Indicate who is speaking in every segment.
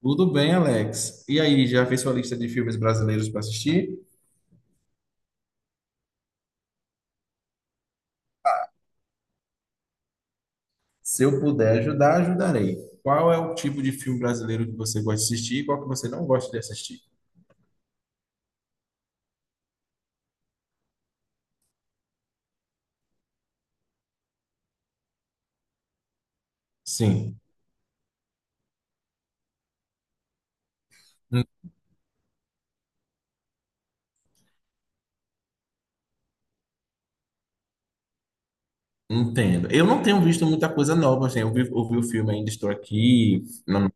Speaker 1: Tudo bem, Alex. E aí, já fez sua lista de filmes brasileiros para assistir? Se eu puder ajudar, ajudarei. Qual é o tipo de filme brasileiro que você gosta de assistir e qual que você não gosta de assistir? Sim, en- entendo. Eu não tenho visto muita coisa nova, assim. Eu vi o filme Ainda Estou Aqui, não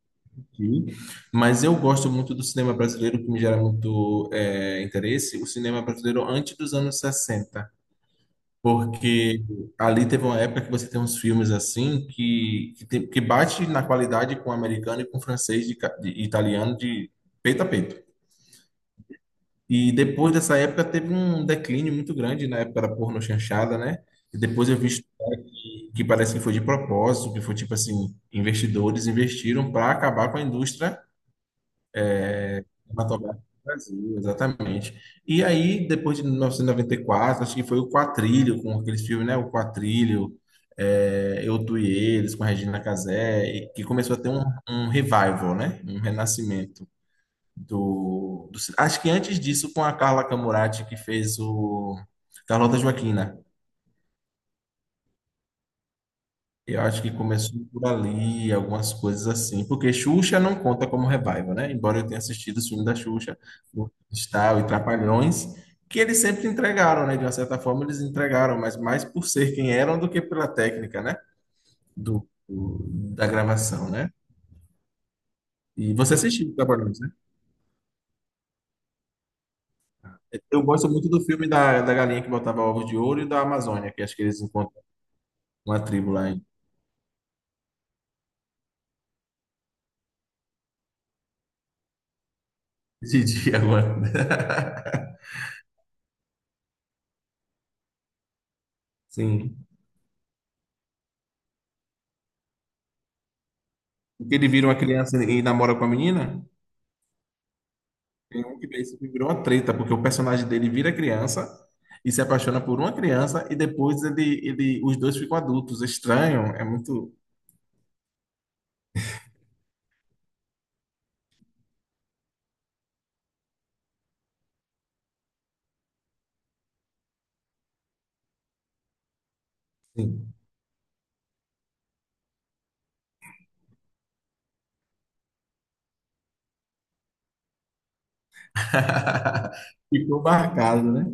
Speaker 1: aqui, mas eu gosto muito do cinema brasileiro, que me gera muito interesse, o cinema brasileiro antes dos anos sessenta. Porque ali teve uma época que você tem uns filmes assim que bate na qualidade com o americano e com o francês, de italiano, de peito a peito. E depois dessa época teve um declínio muito grande na época da porno chanchada, né? E depois eu vi história que parece que foi de propósito, que foi tipo assim, investidores investiram para acabar com a indústria cinematográfico do Brasil, exatamente. E aí, depois de 1994, acho que foi o Quatrilho, com aqueles filmes, né? O Quatrilho, é, Eu, Tu e Eles, com a Regina Casé, e que começou a ter um revival, né? Um renascimento acho que antes disso, com a Carla Camurati, que fez o Carlota Joaquina. Eu acho que começou por ali, algumas coisas assim, porque Xuxa não conta como revival, né? Embora eu tenha assistido os filmes da Xuxa, o Cristal e Trapalhões, que eles sempre entregaram, né? De uma certa forma, eles entregaram, mas mais por ser quem eram do que pela técnica, né? Do, do- da gravação, né? E você assistiu Trapalhões, né? Eu gosto muito do filme da galinha que botava ovos de ouro e da Amazônia, que acho que eles encontram uma tribo lá em Didi agora. Sim. Porque ele vira uma criança e namora com a menina? Tem um, que esse filme virou uma treta, porque o personagem dele vira criança e se apaixona por uma criança e depois os dois ficam adultos. Estranho, é muito. Sim. Ficou marcado, né?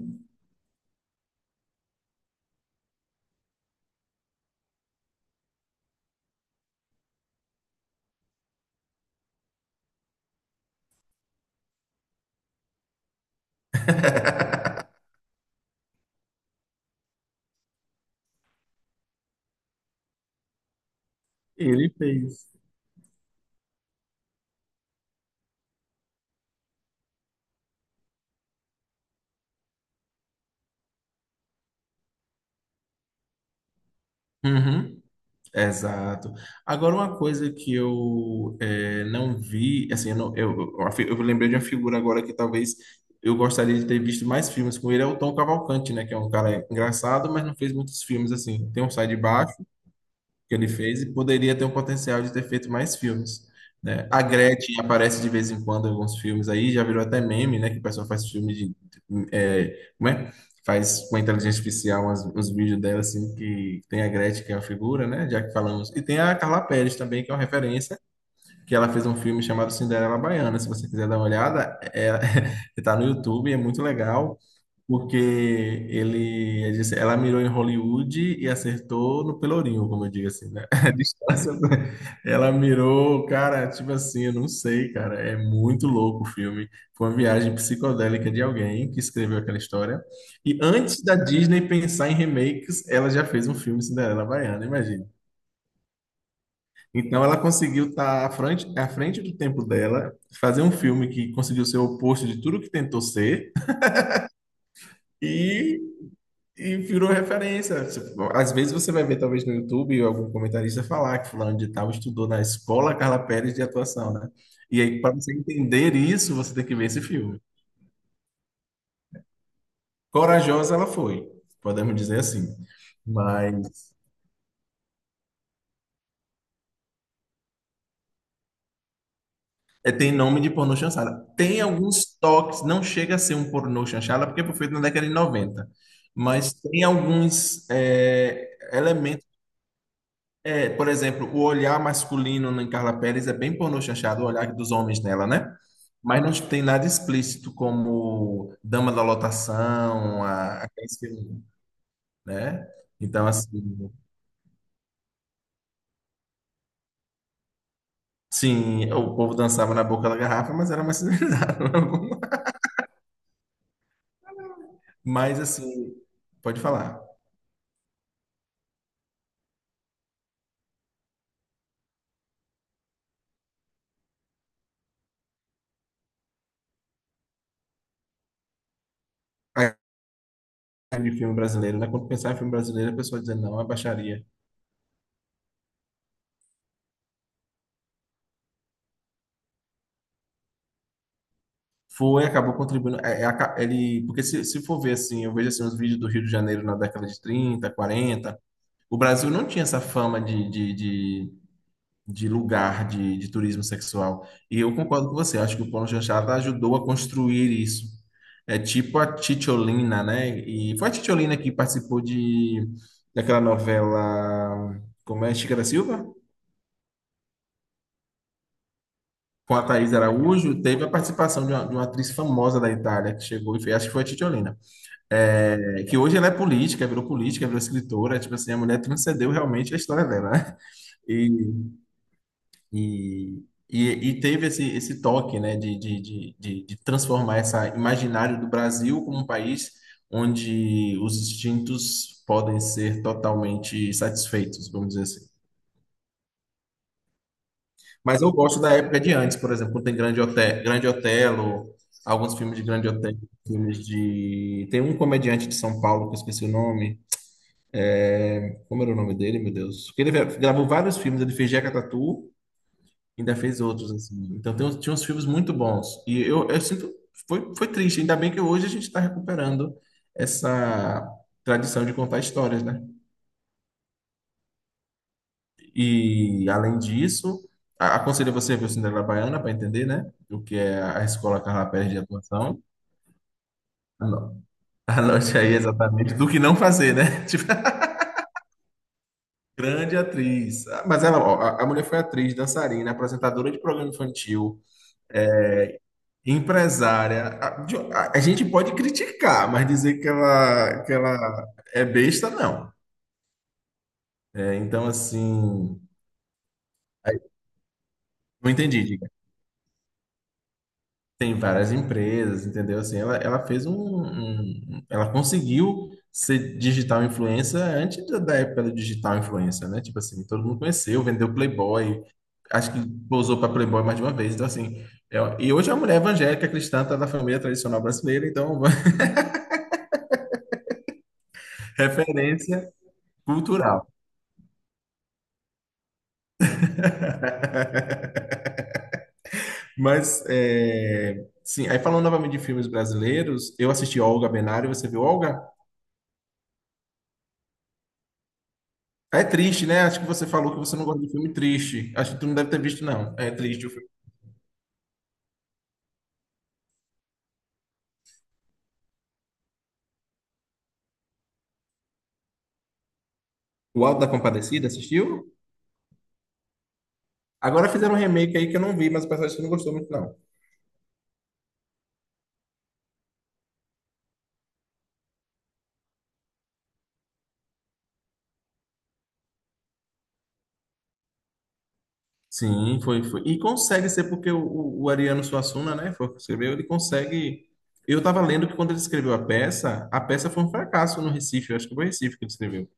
Speaker 1: Ele fez. Uhum, exato. Agora, uma coisa que eu não vi, assim, eu, não- eu, a fi- eu lembrei de uma figura agora que talvez eu gostaria de ter visto mais filmes com ele, é o Tom Cavalcante, né? Que é um cara engraçado, mas não fez muitos filmes, assim. Tem um Sai de Baixo, que ele fez e poderia ter um potencial de ter feito mais filmes, né? A Gretchen aparece de vez em quando em alguns filmes aí, já virou até meme, né? Que o pessoal faz filme de... É, como é? Faz com a inteligência artificial uns vídeos dela, assim, que tem a Gretchen, que é uma figura, né? Já que falamos. E tem a Carla Perez também, que é uma referência, que ela fez um filme chamado Cinderela Baiana. Se você quiser dar uma olhada, é, tá no YouTube, é muito legal. Porque ela mirou em Hollywood e acertou no pelourinho, como eu digo assim, né? A distância, ela mirou, cara, tipo assim, eu não sei, cara, é muito louco o filme. Foi uma viagem psicodélica de alguém que escreveu aquela história. E antes da Disney pensar em remakes, ela já fez um filme Cinderela Baiana, imagina. Então ela conseguiu estar à frente do tempo dela, fazer um filme que conseguiu ser o oposto de tudo que tentou ser. E virou referência. Tipo, às vezes você vai ver, talvez, no YouTube, algum comentarista falar que fulano de tal estudou na escola Carla Pérez de atuação, né? E aí, para você entender isso, você tem que ver esse filme. Corajosa ela foi, podemos dizer assim. Mas é, tem nome de pornô chanchada. Tem alguns toques, não chega a ser um pornô chanchada, porque foi feito na década de 90. Mas tem alguns elementos. É, por exemplo, o olhar masculino em Carla Pérez é bem pornô chanchado, o olhar dos homens nela, né? Mas não tem nada explícito como Dama da Lotação, aqueles filmes, né? Então, assim, sim, o povo dançava na boca da garrafa, mas era mais civilizado. Mas, assim, pode falar. Aí, de filme brasileiro, né? Quando pensar em filme brasileiro, a pessoa dizendo não, é baixaria. Foi, acabou contribuindo. É, é, porque se for ver assim, eu vejo assim, os vídeos do Rio de Janeiro na década de 30, 40. O Brasil não tinha essa fama de lugar de turismo sexual. E eu concordo com você, acho que o Paulo Chanchada ajudou a construir isso. É tipo a Titiolina, né? E foi a Titiolina que participou daquela novela, como é, Chica da Silva? Com a Thaís Araújo, teve a participação de uma atriz famosa da Itália que chegou e fez, acho que foi a Titiolina. É, que hoje ela é política, virou escritora, tipo assim, a mulher transcendeu realmente a história dela, né? E E, teve esse toque, né, de transformar essa imaginário do Brasil como um país onde os instintos podem ser totalmente satisfeitos, vamos dizer assim. Mas eu gosto da época de antes, por exemplo, quando tem Grande Otelo, alguns filmes de Grande Otelo, filmes de... Tem um comediante de São Paulo, que eu esqueci o nome. Como era o nome dele, meu Deus? Ele gravou vários filmes, ele fez Jeca Tatu, ainda fez outros, assim. Então tem, tinha uns filmes muito bons. E eu sinto, foi, foi triste. Ainda bem que hoje a gente está recuperando essa tradição de contar histórias, né? E além disso, aconselho você a ver o Cinderela Baiana para entender, né? O que é a escola Carla Perez de atuação. Ano- Anote aí exatamente do que não fazer, né? Tipo, grande atriz. Ah, mas ela, ó, a mulher foi atriz, dançarina, apresentadora de programa infantil. Empresária, a gente pode criticar, mas dizer que ela é besta, não. É, então, assim, aí- não entendi, diga. Tem várias empresas, entendeu? Assim, ela fez um, um- ela conseguiu ser digital influencer antes da época do digital influencer, né? Tipo assim, todo mundo conheceu, vendeu Playboy, acho que pousou para Playboy mais de uma vez. Então, assim, é- e hoje é uma mulher evangélica cristã, tá da família tradicional brasileira, então, referência cultural. Mas, é, sim, aí falando novamente de filmes brasileiros, eu assisti Olga Benário, você viu Olga? É triste, né? Acho que você falou que você não gosta de filme triste. Acho que tu não deve ter visto, não. É triste o filme. O Alto da Compadecida, assistiu? Agora fizeram um remake aí que eu não vi, mas o pessoal disse que não gostou muito, não. Sim, foi, foi. E consegue ser porque o Ariano Suassuna, né, foi o que escreveu, ele consegue... Eu estava lendo que quando ele escreveu a peça foi um fracasso no Recife, eu acho que foi Recife que ele escreveu.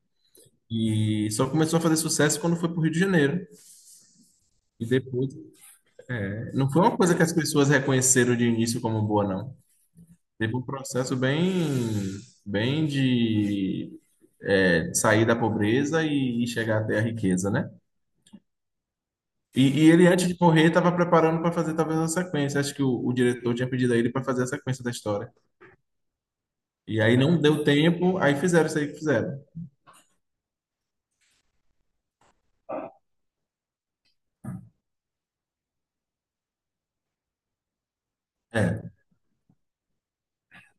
Speaker 1: E só começou a fazer sucesso quando foi para o Rio de Janeiro. E depois, é, não foi uma coisa que as pessoas reconheceram de início como boa, não. Teve um processo bem, bem de é, sair da pobreza e chegar até a riqueza, né? E ele, antes de morrer, estava preparando para fazer talvez uma sequência. Acho que o diretor tinha pedido a ele para fazer a sequência da história. E aí não deu tempo, aí fizeram isso aí que fizeram.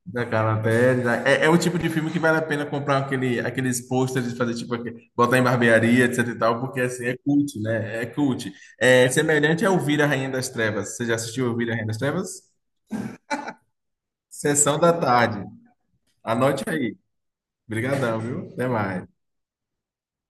Speaker 1: Da Carla Pérez. É, é o tipo de filme que vale a pena comprar aqueles posters de fazer tipo aqui, botar em barbearia, etc e tal, porque assim é cult, né? É cult. É semelhante a Ouvir a Rainha das Trevas. Você já assistiu Ouvir a Rainha das Trevas? Sessão da tarde. Anote aí. Obrigadão, viu? Até mais.